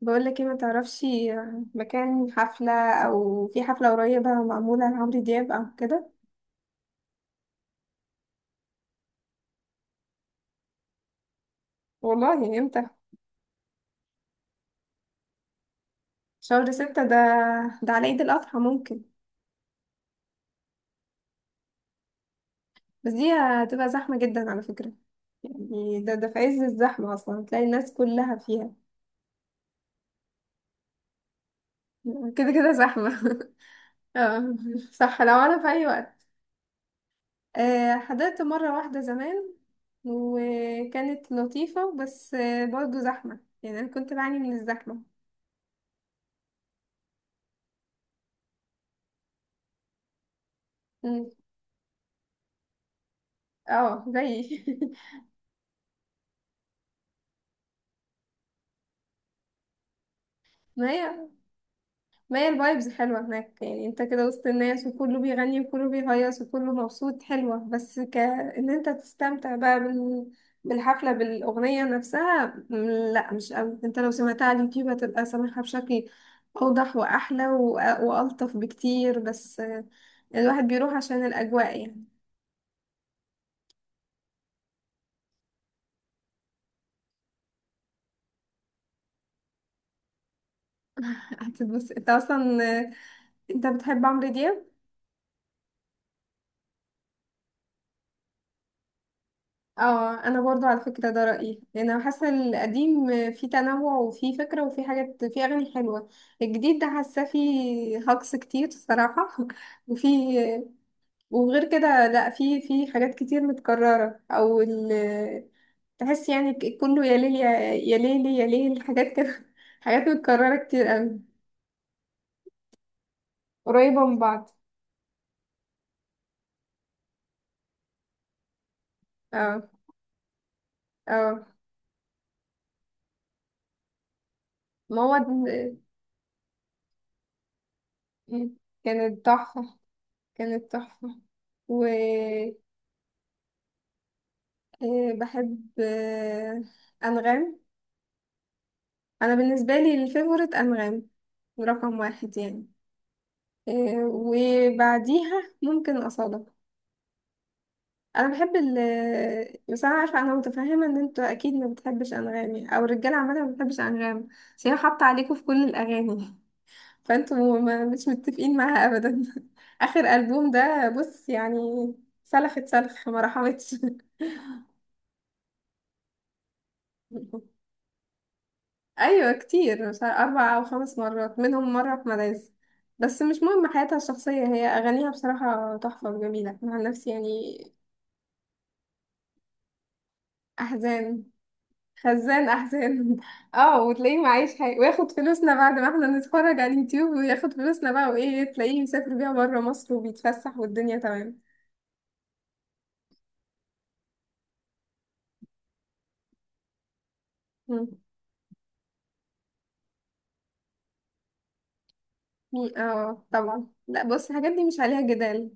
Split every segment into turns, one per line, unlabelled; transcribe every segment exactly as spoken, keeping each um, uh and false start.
بقول لك ايه؟ ما تعرفش مكان حفلة، او في حفلة قريبة معمولة لعمرو دياب او كده. والله امتى؟ شهر ستة ده ده على عيد الأضحى ممكن. بس دي هتبقى زحمة جدا على فكرة. يعني ده ده في عز الزحمة، أصلا تلاقي الناس كلها فيها. كده كده زحمة اه صح. لو أنا في أي وقت آه، حضرت مرة واحدة زمان وكانت لطيفة، بس آه، برضه زحمة يعني، أنا كنت بعاني من الزحمة. مم. اه زيي ما هي ما هي الفايبز حلوة هناك، يعني انت كده وسط الناس وكله بيغني وكله بيهيص وكله مبسوط، حلوة. بس ك ان انت تستمتع بقى بال... بالحفلة بالأغنية نفسها. م- لا مش قوي، انت لو سمعتها على اليوتيوب هتبقى سامعها بشكل أوضح وأحلى و... وألطف بكتير. بس آه، الواحد بيروح عشان الأجواء يعني. هتتبسط انت أصلا آه، انت بتحب عمرو دياب؟ اه انا برضو على فكره ده رايي، لان انا حاسه القديم فيه تنوع وفيه فكره وفيه حاجات، فيه اغاني حلوه. الجديد ده حاسه فيه هجص كتير الصراحه وفيه، وغير كده لا، فيه، فيه حاجات كتير متكرره او ال... تحس يعني ك- كله يا ليل، يا يا ليل يا ليل، حاجات كده حاجات متكرره كتير قوي، قريبه من بعض. اه اه. ما هو ده- كانت تحفه، كانت تحفه. إيه بحب؟ إيه؟ أنغام. أنا بالنسبة لي الفيفوريت أنغام، رقم واحد يعني. إيه، وبعديها ممكن أصالة. أنا بحب ال بس أنا عارفة، أنا متفهمة إن أنتوا أكيد ما بتحبش أنغام يعني، أو الرجالة عامة ما بتحبش أنغام. بس هي حاطة عليكوا في كل الأغاني فأنتوا ما مش متفقين معاها أبدا آخر ألبوم ده بص يعني، سلخت سلخ، ما رحمتش. ايوه كتير، مش عارف- اربع او خمس مرات، منهم مره في مدارس. بس مش مهم حياتها الشخصيه، هي اغانيها بصراحه تحفه وجميله أنا عن نفسي يعني. احزان، خزان احزان اه، وتلاقيه معيش حاجه، وياخد فلوسنا بعد ما احنا نتفرج على اليوتيوب، وياخد فلوسنا بقى، وايه، تلاقيه مسافر بيها بره مصر وبيتفسح والدنيا تمام. مم. مي- اه طبعا، لا بص الحاجات دي مش عليها جدال،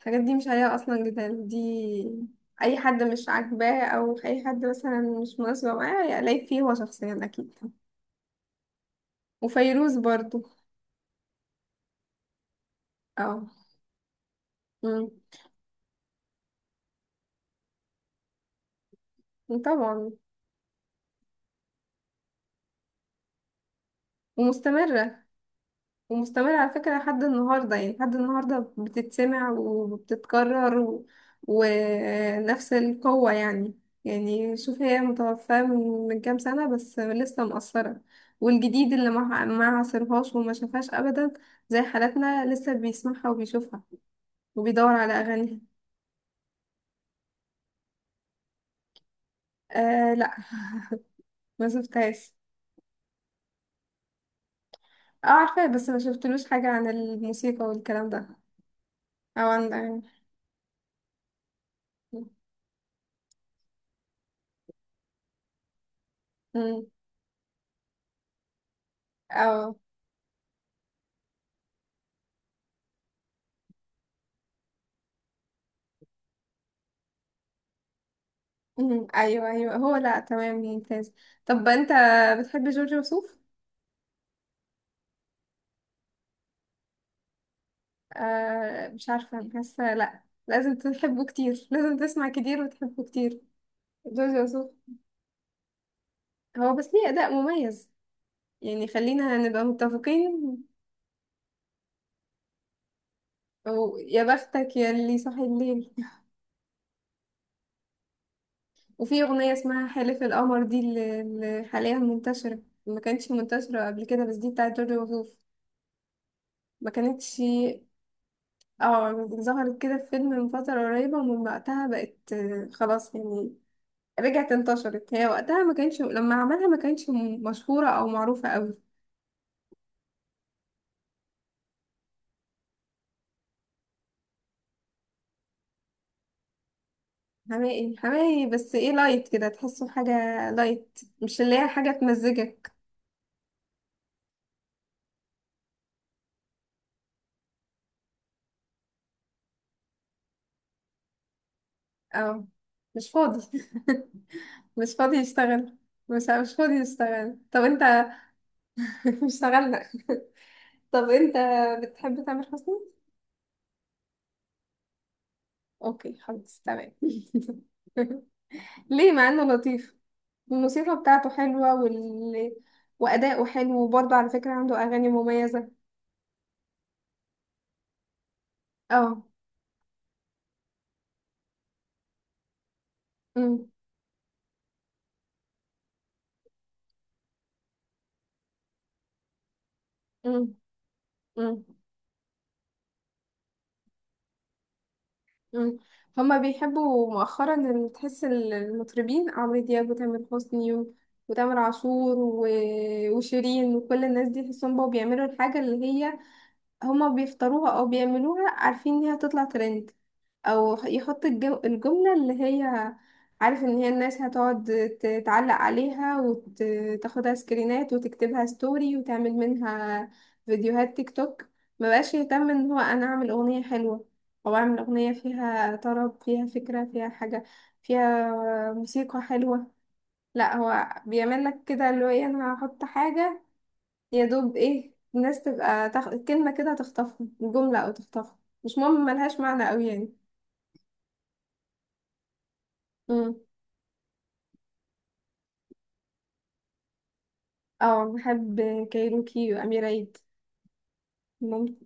الحاجات دي مش عليها اصلا جدال دي. اي حد مش عاجباه، او اي حد مثلا مش مناسبه معاه، يلاقي فيه هو شخصيا اكيد. وفيروز برضو. اه. أمم. طبعا. ومستمره. ومستمر على فكرة لحد النهاردة، يعني لحد النهاردة بتتسمع وبتتكرر و... ونفس القوة يعني. يعني شوف، هي متوفاة من من كام سنة بس لسه مؤثرة. والجديد اللي ما ما عاصرهاش وما شافهاش أبدا، زي حالاتنا، لسه بيسمعها وبيشوفها وبيدور على أغانيها. آه لا ما شفتهاش. اه عارفة، بس ما شفتلوش حاجة عن الموسيقى والكلام ده، أو عن الأغاني. أمم. أو مم، ايوه ايوه، هو لا، تمام، ممتاز. طب انت بتحب جورج وسوف؟ آه مش عارفه، حاسه لا، لازم تحبه كتير، لازم تسمع كتير وتحبه كتير. جورج وسوف هو بس ليه اداء مميز، يعني خلينا نبقى متفقين. ويا بختك يا اللي صاحي الليل وفي اغنيه اسمها حلف القمر، دي اللي اللي حاليا منتشره، ما كانتش منتشره قبل كده. بس دي بتاعت جورج وسوف، ما كانتش. اه ظهرت كده في فيلم من فترة قريبة، ومن وقتها بقت آه، خلاص يعني، رجعت انتشرت. هي وقتها ما كانش، لما عملها ما كانش م- مشهورة او معروفة قوي. حماقي، حماقي بس ايه، لايت كده، تحسه حاجة لايت، مش اللي هي حاجة تمزجك. اه مش فاضي مش فاضي يشتغل. مش مش فاضي يشتغل، طب انت. مش اشتغلنا طب انت بتحب تامر حسني؟ اوكي خلاص، تمام ليه؟ مع انه لطيف، الموسيقى بتاعته حلوة وال... وأداؤه حلو، وبرضه على فكرة عنده أغاني مميزة. اه. أمم. أمم. أمم. أمم. هما بيحبوا مؤخرا، إن تحس ال- المطربين عمرو دياب وتامر حسني و... وتامر عاشور و... وشيرين وكل الناس دي، تحسهم بقوا بيعملوا الحاجة اللي هي، هما بيفطروها أو بيعملوها عارفين إنها تطلع ترند، او يحط الجو الجملة اللي هي، عارف ان هي الناس هتقعد ت- تعلق عليها وتاخدها سكرينات وتكتبها ستوري وتعمل منها فيديوهات تيك توك. ما بقاش يهتم ان هو انا اعمل اغنية حلوة، او اعمل اغنية فيها طرب فيها فكرة فيها حاجة فيها موسيقى حلوة. لا هو بيعمل لك كده، اللي هو ايه انا هحط حاجة، يا دوب ايه الناس تبقى تخ... كلمة كده تخطفها، جملة او تخطفها، مش مهم ملهاش معنى قوي، يعني. اه بحب كايروكي وأمير عيد، ممكن.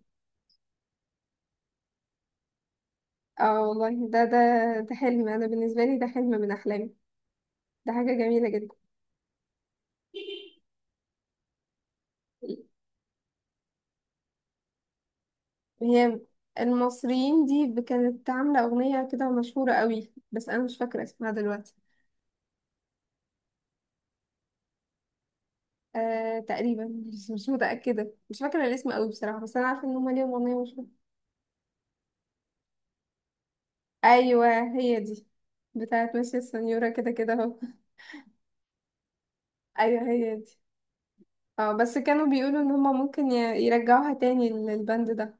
اه والله، ده ده ده حلم، أنا بالنسبة لي ده حلم من أحلامي، ده حاجة جميلة جدا. هي المصريين دي ب- كانت عاملة أغنية كده مشهورة قوي، بس أنا مش فاكرة اسمها دلوقتي. آه تقريبا، مش مش متأكدة، مش فاكرة الاسم قوي بصراحة. بس أنا عارفة إن هما ليهم أغنية مشهورة. أيوة هي دي، بتاعت ماشية السنيورة، كده كده أهو. أيوة هي دي. اه بس كانوا بيقولوا إن هما ممكن ي- يرجعوها تاني للبند ده،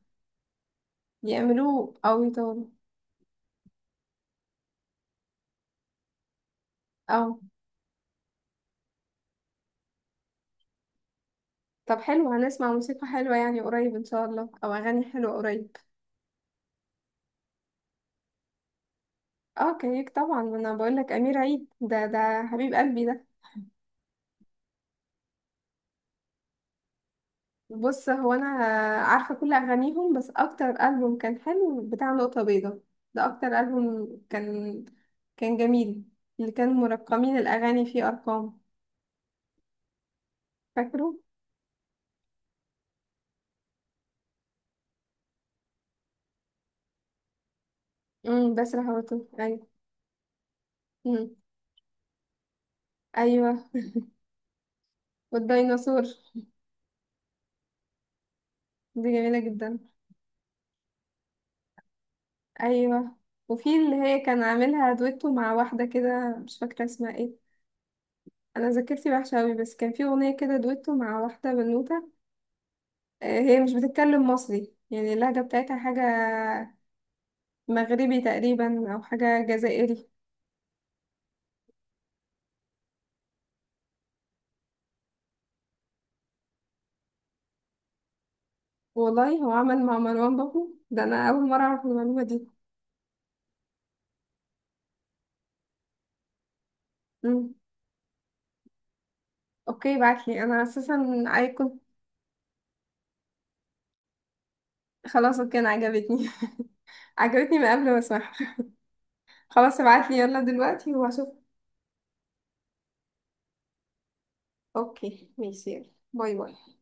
يعملوه او يطوروا. اه. طب حلو، هنسمع موسيقى حلوة يعني قريب ان شاء الله، او اغاني حلوة قريب. اه كيك طبعا، ما انا بقول لك امير عيد ده، ده حبيب قلبي ده. بص هو انا عارفة كل اغانيهم، بس اكتر ألبوم كان حلو بتاع نقطة بيضاء، ده اكتر ألبوم كان، كان جميل، اللي كان مرقمين الاغاني فيه ارقام. فاكره. امم بس حاولته. ايوه. امم. ايوه. والديناصور دي جميلة جدا. ايوه. وفي اللي هي كان عاملها دويتو مع واحدة كده، مش فاكرة اسمها ايه، انا ذاكرتي وحشة اوي. بس كان في اغنية كده دويتو مع واحدة بنوتة، آه، هي مش بتتكلم مصري يعني، اللهجة بتاعتها حاجة مغربي تقريبا او حاجة جزائري. والله هو عمل مع مروان بابلو ده؟ انا اول مرة اعرف المعلومة دي. مم. اوكي بعتلي، انا اساسا اي كنت. خلاص كان عجبتني عجبتني من قبل ما اسمعها. خلاص ابعتلي يلا دلوقتي وهشوف. اوكي ماشي، يلا باي باي.